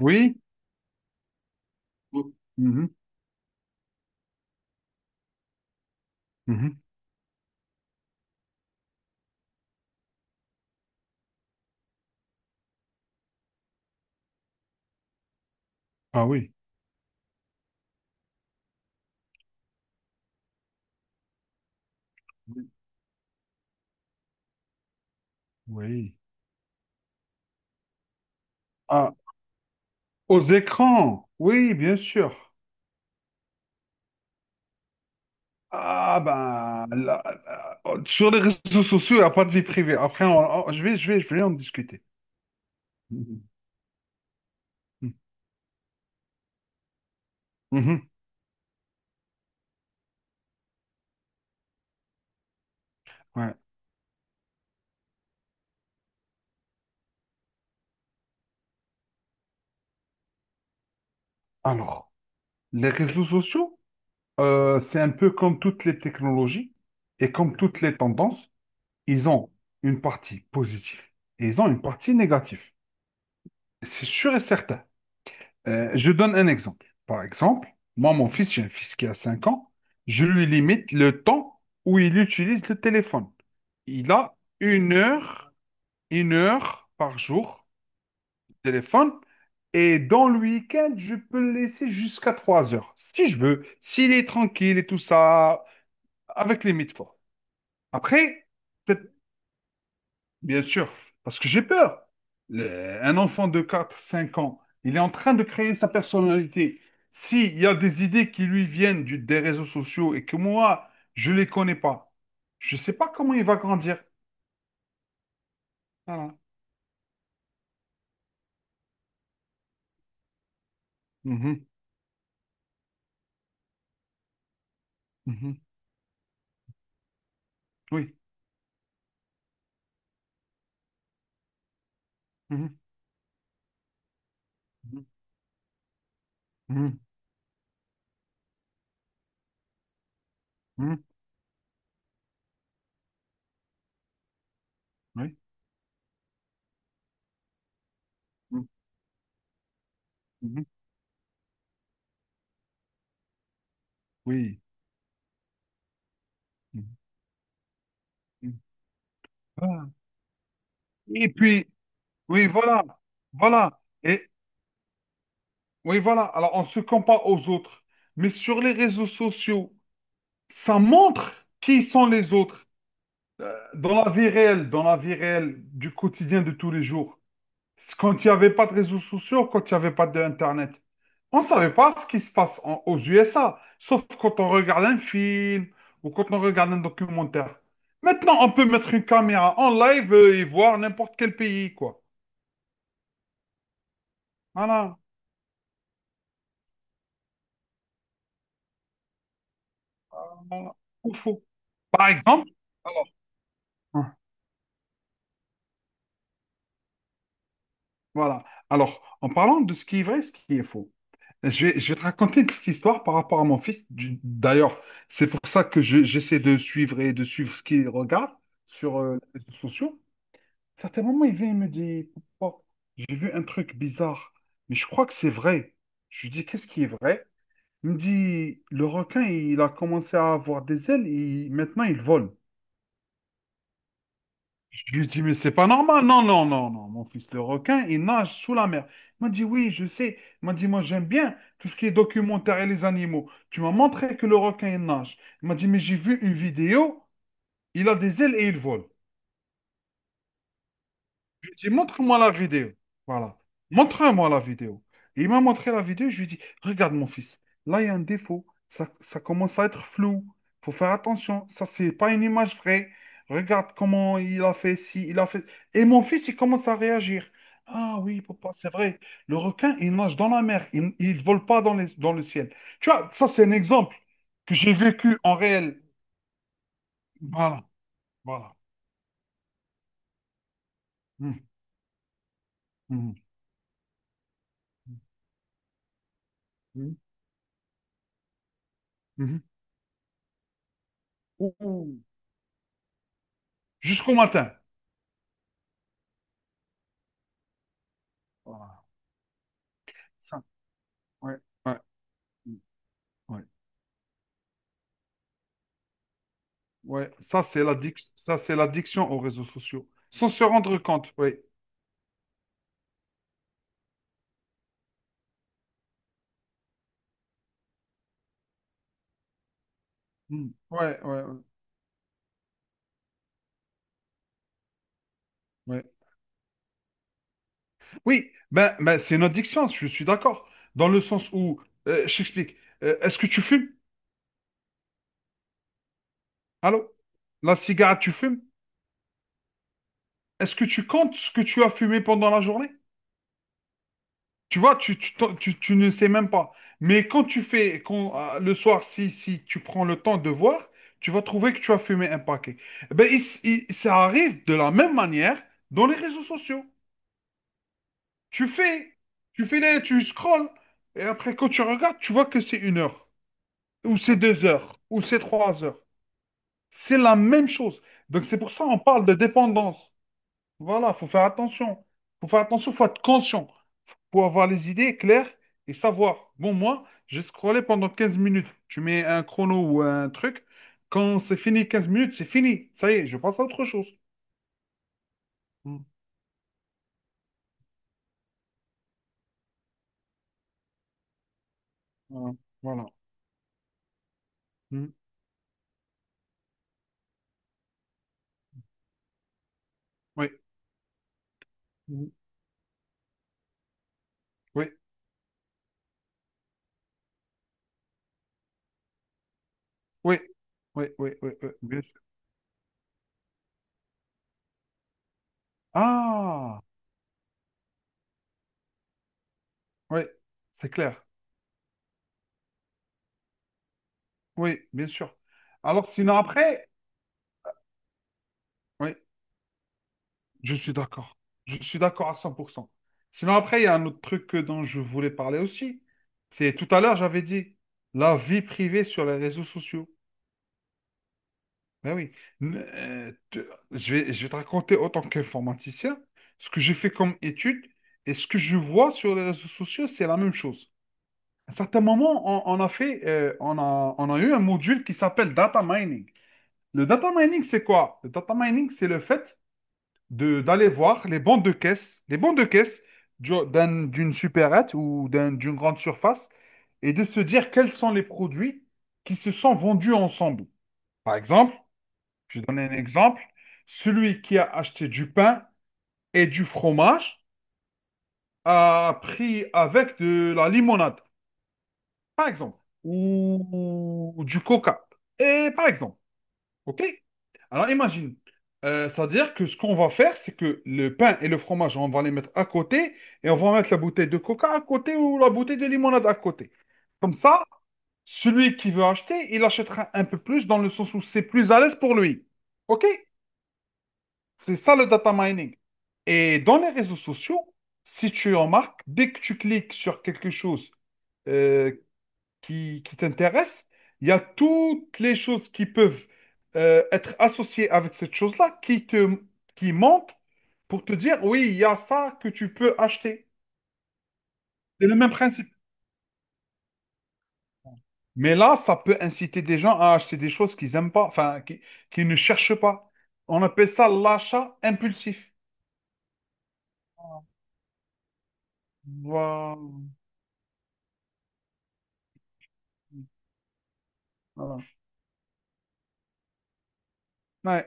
Oui. Mm. Mhm, mhm. Ah oui. Oui. Ah, aux écrans. Oui, bien sûr. Ah ben, là, sur les réseaux sociaux, il n'y a pas de vie privée. Après, je vais, je vais en discuter. Mhm, mhm, mhm, ouais. Alors, les réseaux sociaux, c'est un peu comme toutes les technologies et comme toutes les tendances, ils ont une partie positive et ils ont une partie négative. C'est sûr et certain. Je donne un exemple. Par exemple, moi, mon fils, j'ai un fils qui a 5 ans, je lui limite le temps où il utilise le téléphone. Il a une heure par jour de téléphone, et dans le week-end, je peux le laisser jusqu'à 3 heures, si je veux, s'il est tranquille et tout ça, avec limite quoi. Après, cette bien sûr, parce que j'ai peur. Un enfant de 4, 5 ans, il est en train de créer sa personnalité. S'il y a des idées qui lui viennent des réseaux sociaux et que moi, je ne les connais pas, je ne sais pas comment il va grandir. Voilà. Mhm, mhm, oui. Mhm, mhm, mhm, mhm, oui. Mhm, mhm, oui. Mhm, mhm. Voilà. Et puis, oui, voilà. Voilà. Et oui, voilà. Alors, on se compare aux autres. Mais sur les réseaux sociaux, ça montre qui sont les autres dans la vie réelle, du quotidien de tous les jours. C'est Quand il n'y avait pas de réseaux sociaux, quand il n'y avait pas d'Internet, on ne savait pas ce qui se passe aux USA, sauf quand on regarde un film ou quand on regarde un documentaire. Maintenant, on peut mettre une caméra en live et voir n'importe quel pays, quoi. Voilà. Voilà. Ou faux. Par exemple, alors, hein, voilà. Alors, en parlant de ce qui est vrai, ce qui est faux. Je vais te raconter une petite histoire par rapport à mon fils. D'ailleurs, c'est pour ça que j'essaie de suivre ce qu'il regarde sur les réseaux sociaux. Certains moments, il vient et me dit, papa, j'ai vu un truc bizarre, mais je crois que c'est vrai. Je lui dis, qu'est-ce qui est vrai? Il me dit, le requin, il a commencé à avoir des ailes et maintenant il vole. Je lui dis, mais c'est pas normal. Non, non, non, non. Mon fils, le requin, il nage sous la mer. Il m'a dit, oui, je sais. Il m'a dit, moi, j'aime bien tout ce qui est documentaire et les animaux. Tu m'as montré que le requin, il nage. Il m'a dit, mais j'ai vu une vidéo. Il a des ailes et il vole. Je lui ai dit, montre-moi la vidéo. Voilà. Montre-moi la vidéo. Et il m'a montré la vidéo. Je lui ai dit, regarde mon fils, là il y a un défaut. Ça commence à être flou. Il faut faire attention. Ça, c'est pas une image vraie. Regarde comment il a fait si il a fait. Et mon fils, il commence à réagir. Ah oui, papa, c'est vrai. Le requin, il nage dans la mer. Il ne vole pas dans les, dans le ciel. Tu vois, ça, c'est un exemple que j'ai vécu en réel. Voilà. Voilà. Mhm, mhm, mhm, mhm. Ouh. Jusqu'au matin. Voilà. Ça, ouais, ouais, mm, ouais, ouais. Ça, c'est l'addiction aux réseaux sociaux. Sans se rendre compte, oui. Mm, ouais, ouais, ouais, ouais. Oui, ben, ben, c'est une addiction, je suis d'accord. Dans le sens où, je t'explique, est-ce que tu fumes? Allô? La cigarette, tu fumes? Est-ce que tu comptes ce que tu as fumé pendant la journée? Tu vois, tu ne sais même pas. Mais quand tu fais, quand, le soir, si tu prends le temps de voir, tu vas trouver que tu as fumé un paquet. Eh ben, ça arrive de la même manière dans les réseaux sociaux. Tu fais, Tu fais tu scrolls, et après, quand tu regardes, tu vois que c'est 1 heure, ou c'est 2 heures, ou c'est 3 heures. C'est la même chose. Donc, c'est pour ça qu'on parle de dépendance. Voilà, faut faire attention. Faut faire attention, faut être conscient. Faut avoir les idées claires et savoir. Bon, moi, j'ai scrollé pendant 15 minutes. Tu mets un chrono ou un truc. Quand c'est fini 15 minutes, c'est fini. Ça y est, je passe à autre chose. Mm. Voilà. Voilà. Mm. Oui. Mm. Oui. Oui. Oui. Oui. Oui. Oui. Bien sûr. Ah, oui, c'est clair. Oui, bien sûr. Alors, sinon, après, oui. Je suis d'accord. Je suis d'accord à 100%. Sinon, après, il y a un autre truc dont je voulais parler aussi. C'est tout à l'heure, j'avais dit la vie privée sur les réseaux sociaux. Ben oui. Je vais te raconter, autant tant qu'informaticien, ce que j'ai fait comme étude et ce que je vois sur les réseaux sociaux, c'est la même chose. À un certain moment, on a fait, on a eu un module qui s'appelle data mining. Le data mining, c'est quoi? Le data mining, c'est le fait de d'aller voir les bancs de caisse, d'une supérette ou d'une grande surface et de se dire quels sont les produits qui se sont vendus ensemble. Par exemple, je vais donner un exemple, celui qui a acheté du pain et du fromage a pris avec de la limonade, par exemple, ou du coca. Et par exemple, OK? Alors imagine, c'est-à-dire que ce qu'on va faire, c'est que le pain et le fromage, on va les mettre à côté et on va mettre la bouteille de coca à côté ou la bouteille de limonade à côté. Comme ça, celui qui veut acheter, il achètera un peu plus dans le sens où c'est plus à l'aise pour lui. OK? C'est ça le data mining. Et dans les réseaux sociaux, si tu remarques, dès que tu cliques sur quelque chose, euh, qui t'intéresse, il y a toutes les choses qui peuvent être associées avec cette chose-là qui manquent pour te dire, oui, il y a ça que tu peux acheter. C'est le même principe. Mais là, ça peut inciter des gens à acheter des choses qu'ils n'aiment pas, enfin, qu'ils ne cherchent pas. On appelle ça l'achat impulsif. Voilà. Voilà. Ouais.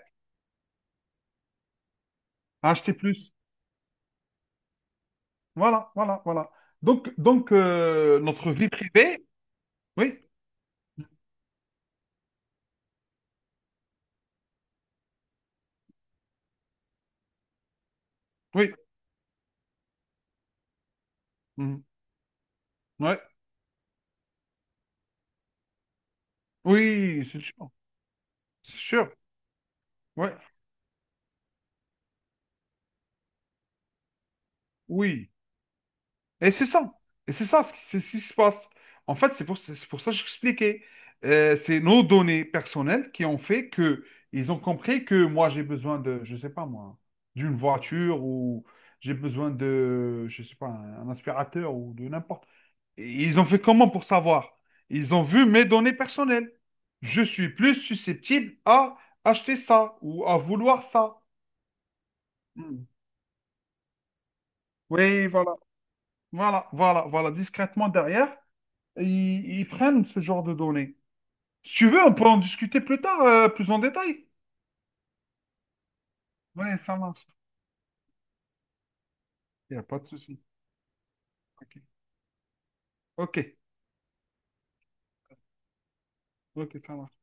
Acheter plus. Voilà, voilà, voilà. Donc, notre vie privée, oui, oui. Mhm. Ouais. Oui, c'est sûr. C'est sûr. Ouais. Oui. Et c'est ça. Et c'est ça c'est ce qui se passe. En fait, c'est pour ça que j'expliquais. C'est nos données personnelles qui ont fait que ils ont compris que moi, j'ai besoin de, je sais pas moi, d'une voiture ou j'ai besoin de, je sais pas, un aspirateur ou de n'importe. Et ils ont fait comment pour savoir? Ils ont vu mes données personnelles. Je suis plus susceptible à acheter ça ou à vouloir ça. Mm. Oui, voilà. Voilà, voilà, voilà, discrètement derrière, ils prennent ce genre de données. Si tu veux, on peut en discuter plus tard, plus en détail. Oui, ça marche. Il n'y a pas de souci. Ok, ok, ok, ça marche.